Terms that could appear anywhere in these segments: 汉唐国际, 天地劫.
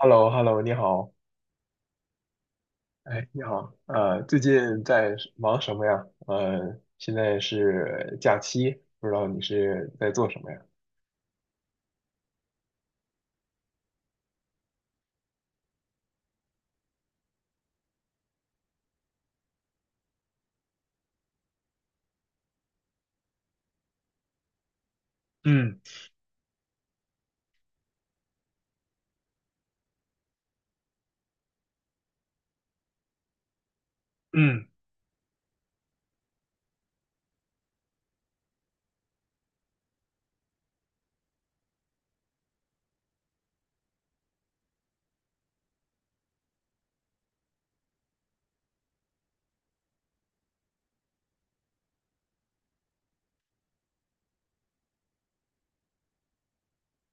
h e l l o h e l l o 你好，哎，你好，最近在忙什么呀？现在是假期，不知道你是在做什么呀？嗯嗯，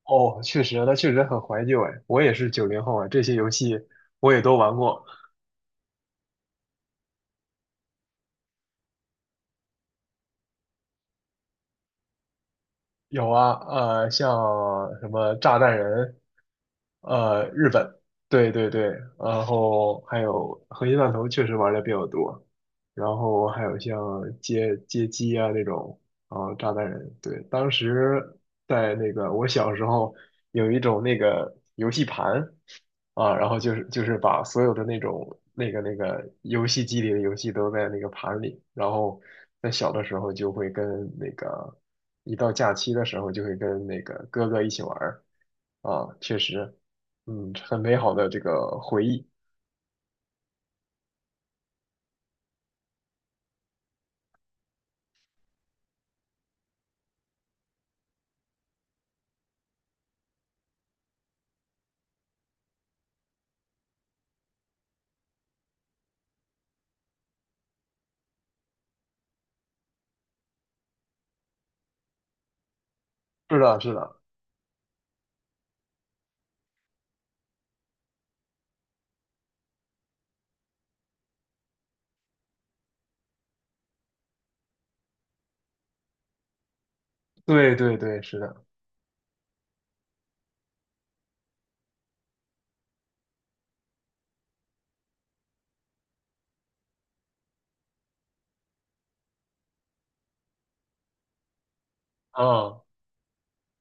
哦，确实，它确实很怀旧哎，我也是九零后啊，这些游戏我也都玩过。有啊，像什么炸弹人，日本，对对对，然后还有核心弹头确实玩的比较多，然后还有像街机啊那种，啊炸弹人，对，当时在那个我小时候有一种那个游戏盘啊，然后就是把所有的那种那个游戏机里的游戏都在那个盘里，然后在小的时候就会跟那个一到假期的时候就会跟那个哥哥一起玩儿啊，确实。嗯，很美好的这个回忆。是的，是的，对对对，是的，啊，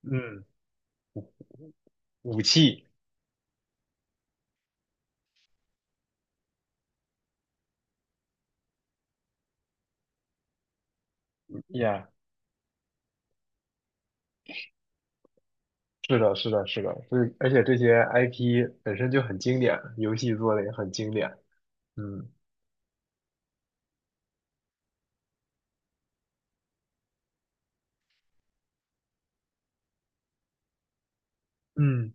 嗯，武器 y 是的，是的，是的，是，而且这些 IP 本身就很经典，游戏做的也很经典。嗯嗯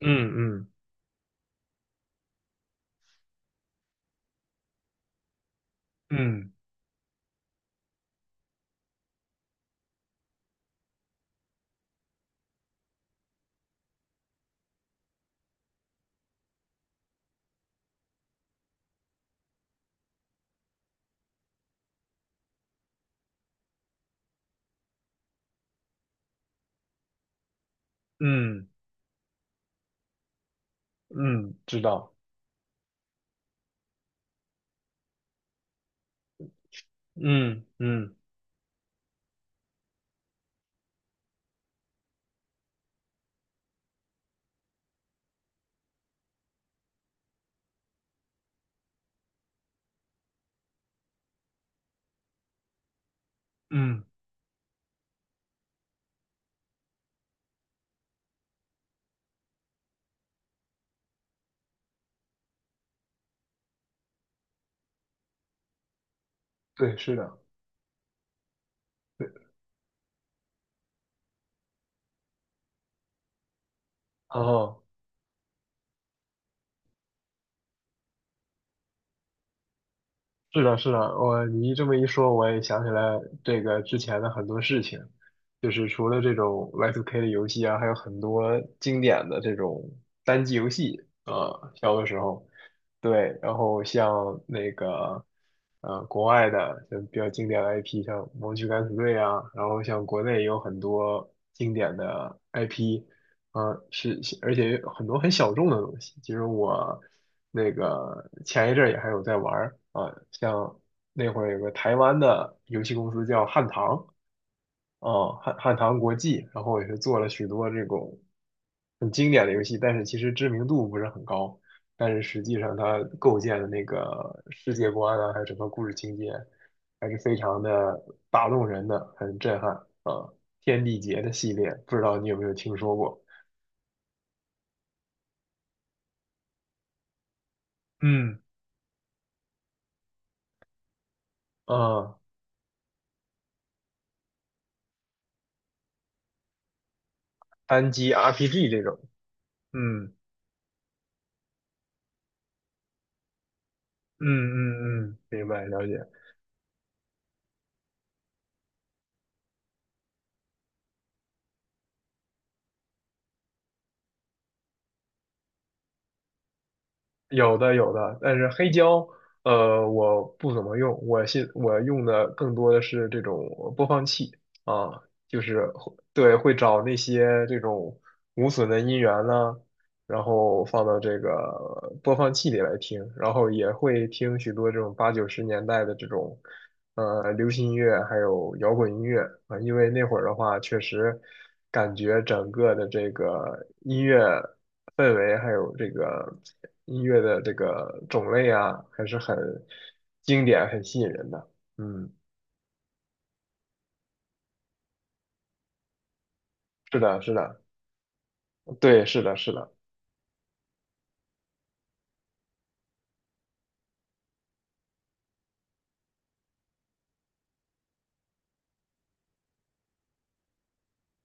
嗯嗯嗯嗯嗯，知道，嗯嗯嗯，对，是的，对，哦。是的，是的，我你这么一说，我也想起来这个之前的很多事情，就是除了这种 Y2K 的游戏啊，还有很多经典的这种单机游戏啊，小的时候，对，然后像那个国外的像比较经典的 IP，像《盲区敢死队》啊，然后像国内也有很多经典的 IP，啊，是，是而且有很多很小众的东西。其实我那个前一阵儿也还有在玩儿啊，像那会儿有个台湾的游戏公司叫汉唐，啊，汉唐国际，然后也是做了许多这种很经典的游戏，但是其实知名度不是很高，但是实际上它构建的那个世界观啊，还有整个故事情节，还是非常的打动人的，很震撼啊。天地劫的系列，不知道你有没有听说过？嗯。啊，单机 RPG 这种，嗯嗯嗯嗯，明白了解。有的有的，但是黑胶，我不怎么用，我用的更多的是这种播放器啊，就是会对会找那些这种无损的音源呢，然后放到这个播放器里来听，然后也会听许多这种八九十年代的这种流行音乐，还有摇滚音乐啊，因为那会儿的话，确实感觉整个的这个音乐。氛围，还有这个音乐的这个种类啊，还是很经典、很吸引人的。嗯，是的，是的，对，是的，是的，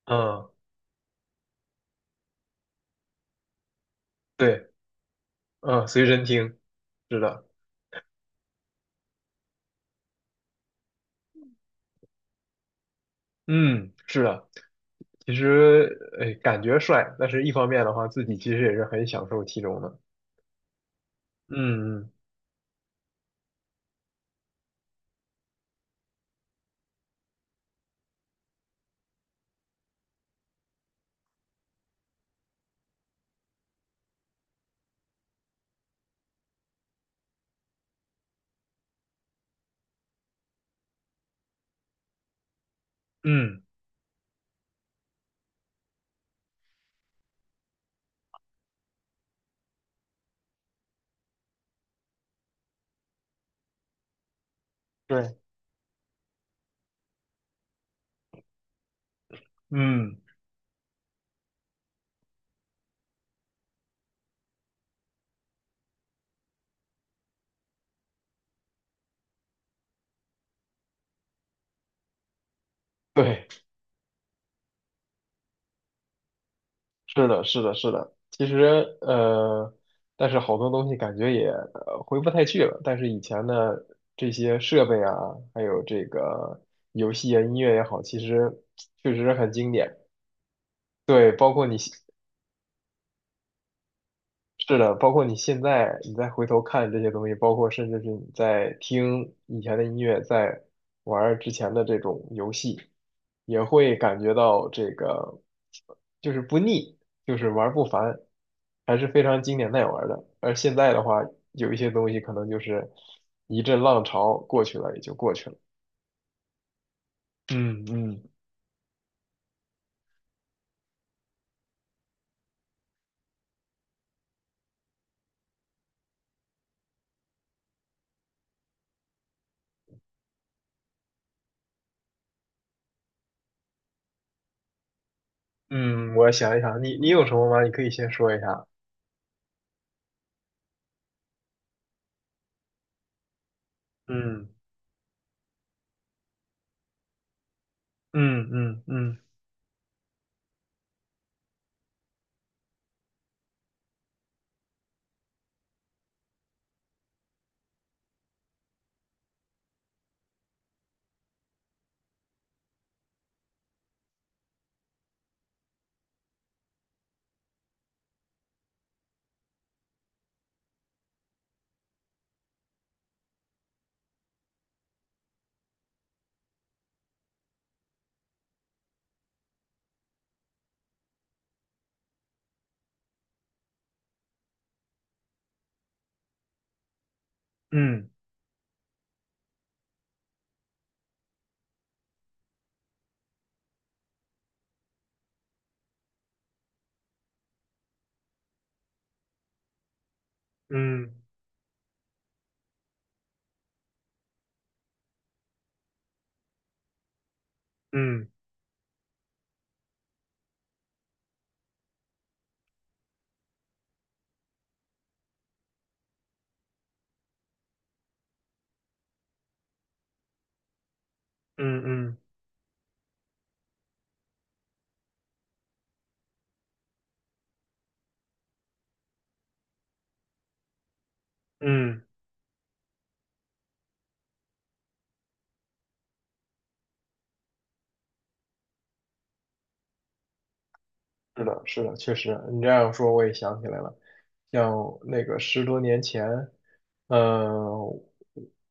嗯，对，嗯，随身听，是的，嗯，是的。其实，哎，感觉帅，但是一方面的话，自己其实也是很享受其中的。嗯嗯嗯，对，嗯对。是的，是的，是的。其实，但是好多东西感觉也回不太去了。但是以前的这些设备啊，还有这个游戏啊、音乐也好，其实确实很经典。对，包括你是的，包括你现在你再回头看这些东西，包括甚至是你在听以前的音乐，在玩儿之前的这种游戏，也会感觉到这个就是不腻，就是玩儿不烦，还是非常经典耐玩儿的。而现在的话，有一些东西可能就是一阵浪潮过去了，也就过去了。嗯嗯嗯，我想一想，你有什么吗？你可以先说一下。嗯嗯嗯嗯嗯嗯嗯。嗯嗯嗯，是的，是的，确实，你这样说我也想起来了，像那个十多年前，呃，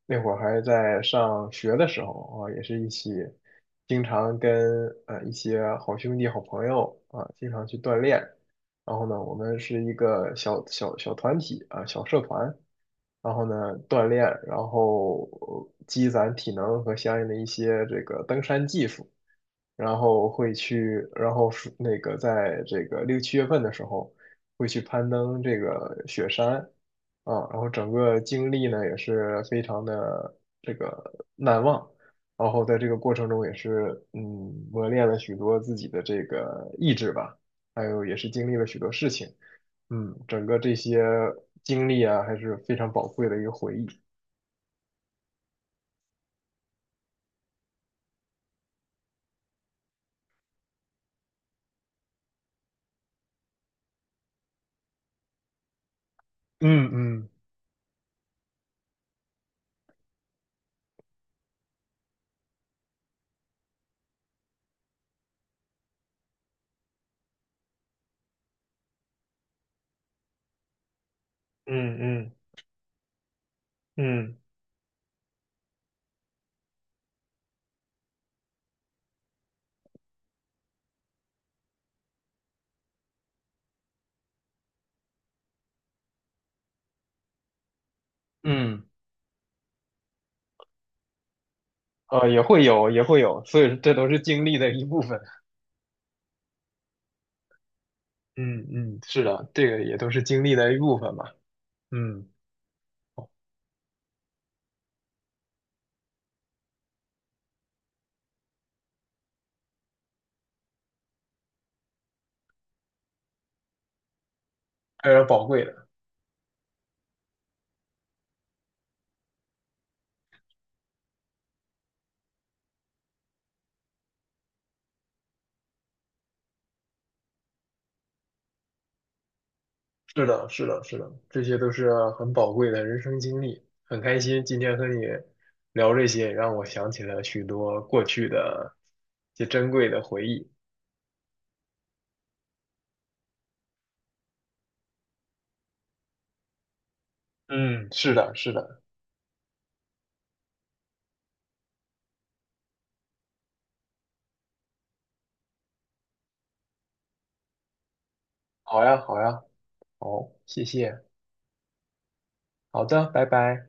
那会儿还在上学的时候啊，也是一起经常跟一些好兄弟、好朋友啊，经常去锻炼。然后呢，我们是一个小团体啊，小社团。然后呢，锻炼，然后积攒体能和相应的一些这个登山技术。然后会去，然后是那个在这个六七月份的时候会去攀登这个雪山啊，然后整个经历呢也是非常的这个难忘，然后在这个过程中也是磨练了许多自己的这个意志吧，还有也是经历了许多事情，整个这些经历啊还是非常宝贵的一个回忆。嗯嗯嗯嗯嗯。嗯。也会有，也会有，所以这都是经历的一部分。嗯嗯，是的，这个也都是经历的一部分嘛。嗯，非常宝贵的。是的，是的，是的，这些都是很宝贵的人生经历。很开心今天和你聊这些，让我想起了许多过去的一些珍贵的回忆。嗯，是的，是的。好呀，好呀，好，谢谢。好的，拜拜。